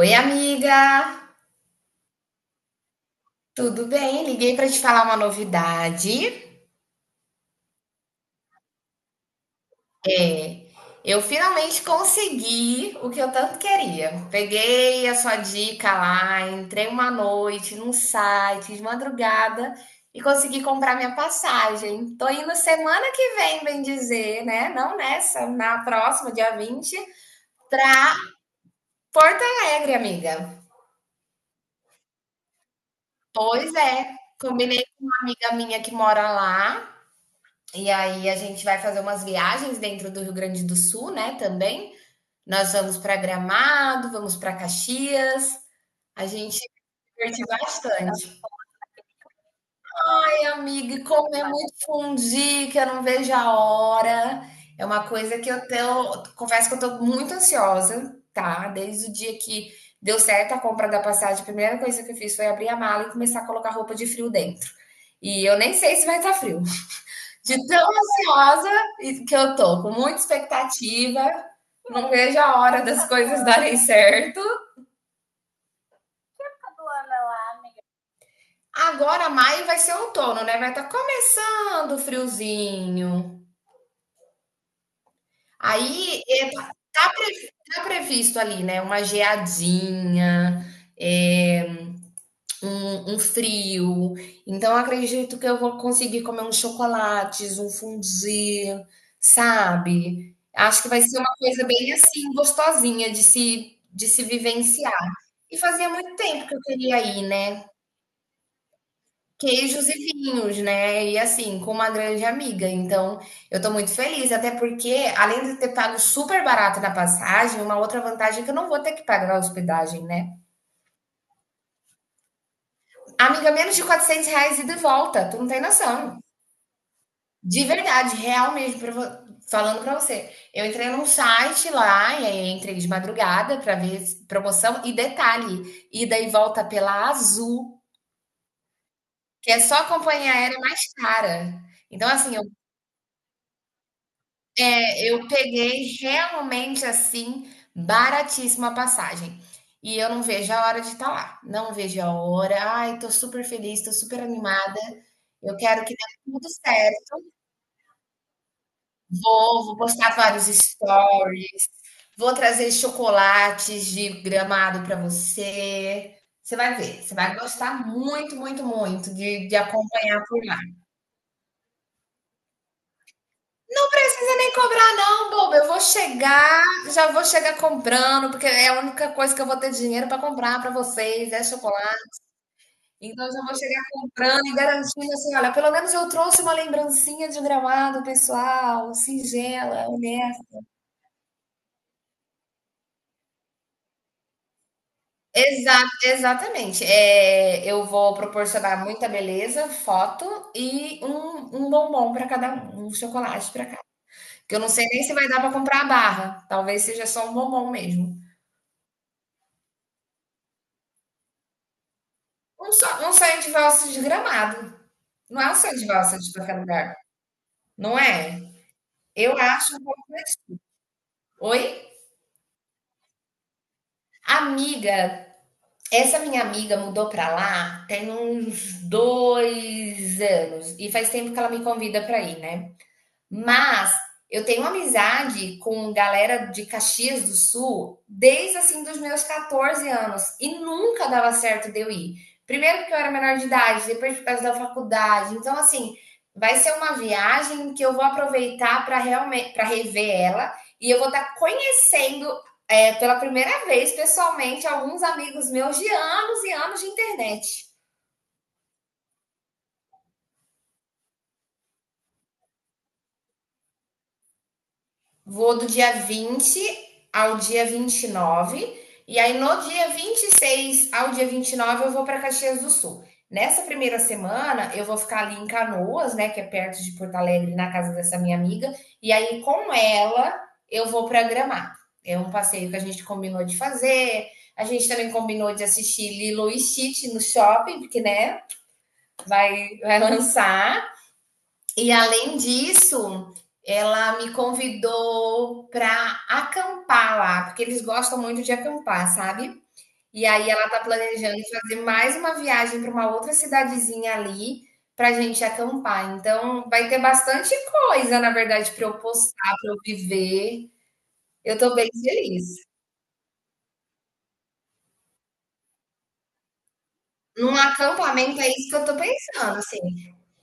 Oi, amiga! Tudo bem? Liguei para te falar uma novidade. É, eu finalmente consegui o que eu tanto queria. Peguei a sua dica lá, entrei uma noite num site de madrugada e consegui comprar minha passagem. Tô indo semana que vem, bem dizer, né? Não nessa, na próxima, dia 20 para Porto Alegre, amiga. Pois é, combinei com uma amiga minha que mora lá. E aí a gente vai fazer umas viagens dentro do Rio Grande do Sul, né, também. Nós vamos para Gramado, vamos para Caxias. A gente se divertiu bastante. Ai, amiga, e comer muito fundi, que eu não vejo a hora. É uma coisa que eu tenho, confesso que eu tô muito ansiosa, tá? Desde o dia que deu certo a compra da passagem, a primeira coisa que eu fiz foi abrir a mala e começar a colocar roupa de frio dentro. E eu nem sei se vai estar frio. De tão ansiosa que eu tô, com muita expectativa, não vejo a hora das coisas darem certo. Agora, maio vai ser um outono, né? Vai estar tá começando o friozinho. Aí, tá previsto ali, né? Uma geadinha, é, um frio. Então, eu acredito que eu vou conseguir comer uns chocolates, um fondue, sabe? Acho que vai ser uma coisa bem assim, gostosinha de se vivenciar. E fazia muito tempo que eu queria ir, né? Queijos e vinhos, né? E assim, com uma grande amiga. Então, eu tô muito feliz, até porque, além de ter pago super barato na passagem, uma outra vantagem é que eu não vou ter que pagar a hospedagem, né? Amiga, menos de R$ 400 ida e de volta, tu não tem noção. De verdade, real mesmo, falando pra você. Eu entrei num site lá, e aí entrei de madrugada pra ver promoção. E detalhe, ida e volta pela Azul, que é só a companhia aérea mais cara. Então, assim, eu peguei realmente, assim, baratíssima a passagem. E eu não vejo a hora de estar lá. Não vejo a hora. Ai, tô super feliz, tô super animada. Eu quero que dê tudo certo. Vou postar vários stories, vou trazer chocolates de Gramado para você. Você vai ver, você vai gostar muito, muito, muito de acompanhar por lá. Não precisa nem cobrar, não, boba. Eu vou chegar, já vou chegar comprando, porque é a única coisa que eu vou ter dinheiro para comprar para vocês, é chocolate. Então eu já vou chegar comprando e garantindo assim, olha, pelo menos eu trouxe uma lembrancinha de Gramado, pessoal, singela, honesta. Exa exatamente. Eu vou proporcionar muita beleza, foto e um bombom para cada um, um chocolate para cada um. Que eu não sei nem se vai dar para comprar a barra, talvez seja só um bombom mesmo. Um sonho de valsa desgramado, não é um sonho de valsa de qualquer lugar, não é? Eu acho um pouco. Oi? Amiga, essa minha amiga mudou pra lá tem uns 2 anos e faz tempo que ela me convida pra ir, né. Mas eu tenho amizade com galera de Caxias do Sul desde assim dos meus 14 anos e nunca dava certo de eu ir. Primeiro porque eu era menor de idade, depois por causa da faculdade. Então assim, vai ser uma viagem que eu vou aproveitar para realmente para rever ela e eu vou estar conhecendo pela primeira vez pessoalmente alguns amigos meus de anos e anos de internet. Vou do dia 20 ao dia 29 e aí, no dia 26 ao dia 29 eu vou para Caxias do Sul. Nessa primeira semana, eu vou ficar ali em Canoas, né, que é perto de Porto Alegre, na casa dessa minha amiga. E aí, com ela, eu vou para Gramado. É um passeio que a gente combinou de fazer. A gente também combinou de assistir Lilo e Stitch no shopping, porque, né, vai lançar. E além disso, ela me convidou para acampar lá, porque eles gostam muito de acampar, sabe? E aí ela tá planejando fazer mais uma viagem para uma outra cidadezinha ali pra gente acampar. Então vai ter bastante coisa, na verdade, para eu postar, para eu viver. Eu tô bem feliz. Num acampamento é isso que eu tô pensando, assim.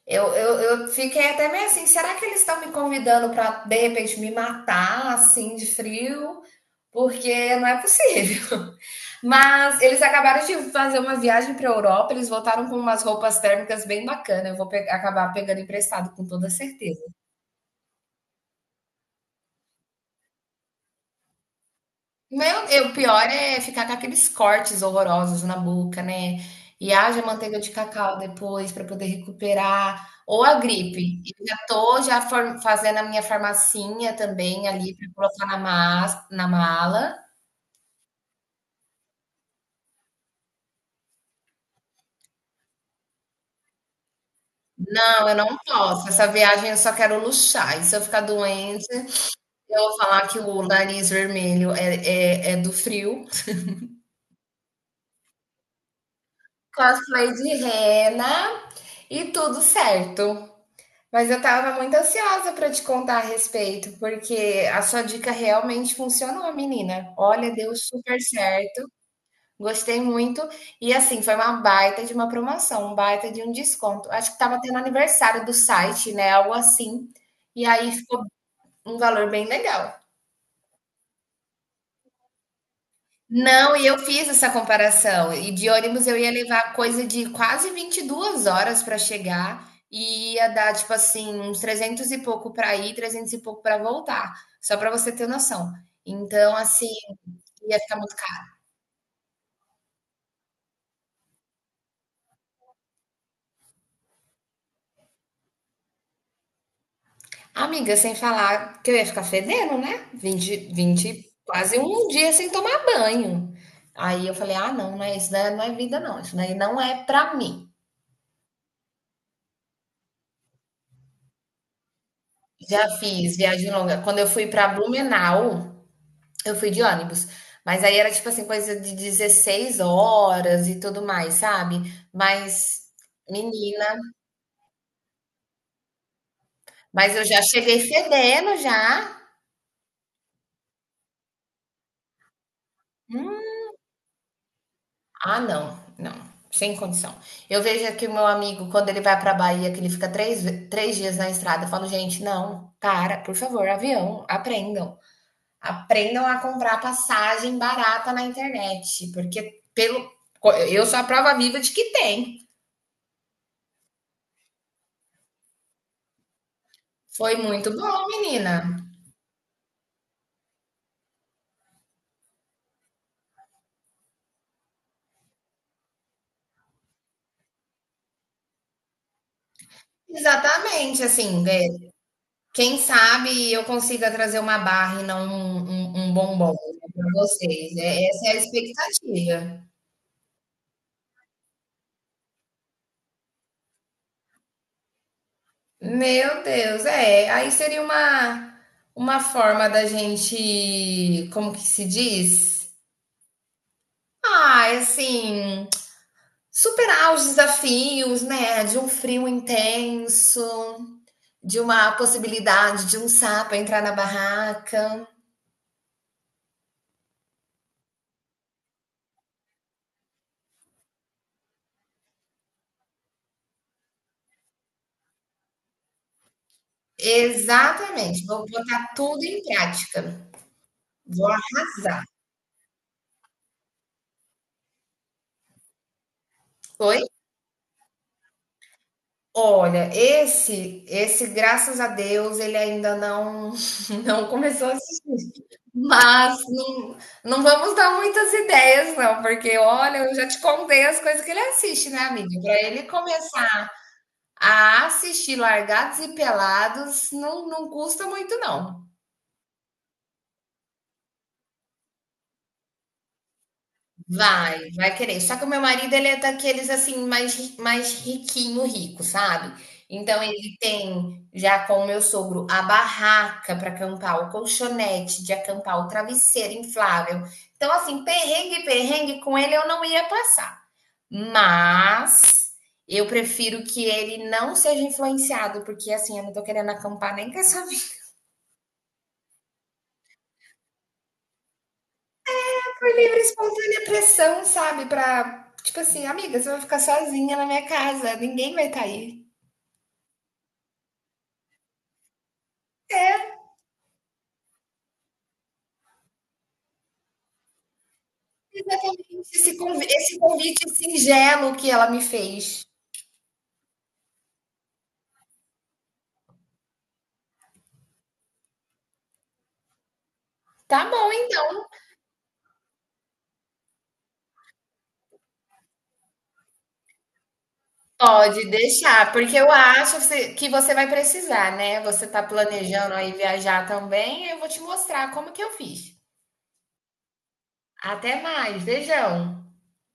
Eu fiquei até meio assim, será que eles estão me convidando para de repente me matar assim de frio? Porque não é possível. Mas eles acabaram de fazer uma viagem para a Europa, eles voltaram com umas roupas térmicas bem bacanas. Eu vou pe acabar pegando emprestado, com toda certeza. Meu, o pior é ficar com aqueles cortes horrorosos na boca, né? E haja manteiga de cacau depois para poder recuperar. Ou a gripe. Eu já tô fazendo a minha farmacinha também ali para colocar na mala. Não, eu não posso. Essa viagem eu só quero luxar. E se eu ficar doente. Eu vou falar que o nariz vermelho é do frio. Cosplay de rena e tudo certo. Mas eu tava muito ansiosa pra te contar a respeito, porque a sua dica realmente funcionou, menina. Olha, deu super certo. Gostei muito. E assim, foi uma baita de uma promoção, um baita de um desconto. Acho que tava tendo aniversário do site, né? Algo assim. E aí ficou um valor bem legal. Não, e eu fiz essa comparação. E de ônibus eu ia levar coisa de quase 22 horas para chegar e ia dar, tipo assim, uns 300 e pouco para ir, 300 e pouco para voltar, só para você ter noção. Então, assim, ia ficar muito caro. Amiga, sem falar que eu ia ficar fedendo, né? 20, 20, quase um dia sem tomar banho. Aí eu falei: "Ah, não, não é isso, daí não é vida não, isso daí não é para mim". Já fiz viagem longa. Quando eu fui para Blumenau, eu fui de ônibus, mas aí era tipo assim, coisa de 16 horas e tudo mais, sabe? Mas, menina, eu já cheguei fedendo já. Hum, ah, não, não, sem condição. Eu vejo aqui o meu amigo, quando ele vai pra Bahia, que ele fica três dias na estrada, eu falo, gente, não, para, por favor, avião, aprendam. Aprendam a comprar passagem barata na internet, porque eu sou a prova viva de que tem. Foi muito bom, menina. Exatamente, assim, né, quem sabe eu consiga trazer uma barra e não um bombom, né, vocês, essa é a expectativa. Meu Deus, aí seria uma forma da gente, como que se diz? Ah, assim, superar os desafios, né, de um frio intenso, de uma possibilidade de um sapo entrar na barraca. Exatamente, vou botar tudo em prática. Vou arrasar. Oi? Olha, esse, graças a Deus, ele ainda não não começou a assistir. Mas não, não vamos dar muitas ideias, não, porque olha, eu já te contei as coisas que ele assiste, né, amiga? Para ele começar a assistir Largados e Pelados, não, não custa muito, não. Vai querer. Só que o meu marido, ele é daqueles assim, mais riquinho, rico, sabe? Então ele tem, já com o meu sogro, a barraca para acampar, o colchonete de acampar, o travesseiro inflável. Então, assim, perrengue, perrengue com ele eu não ia passar. Mas eu prefiro que ele não seja influenciado, porque assim, eu não tô querendo acampar nem com essa. Foi livre, espontânea pressão, sabe? Pra, tipo assim, amiga, você vai ficar sozinha na minha casa, ninguém vai estar aí. Exatamente, esse convite singelo que ela me fez. Tá bom, então. Pode deixar, porque eu acho que você vai precisar, né? Você tá planejando aí viajar também, eu vou te mostrar como que eu fiz. Até mais, beijão.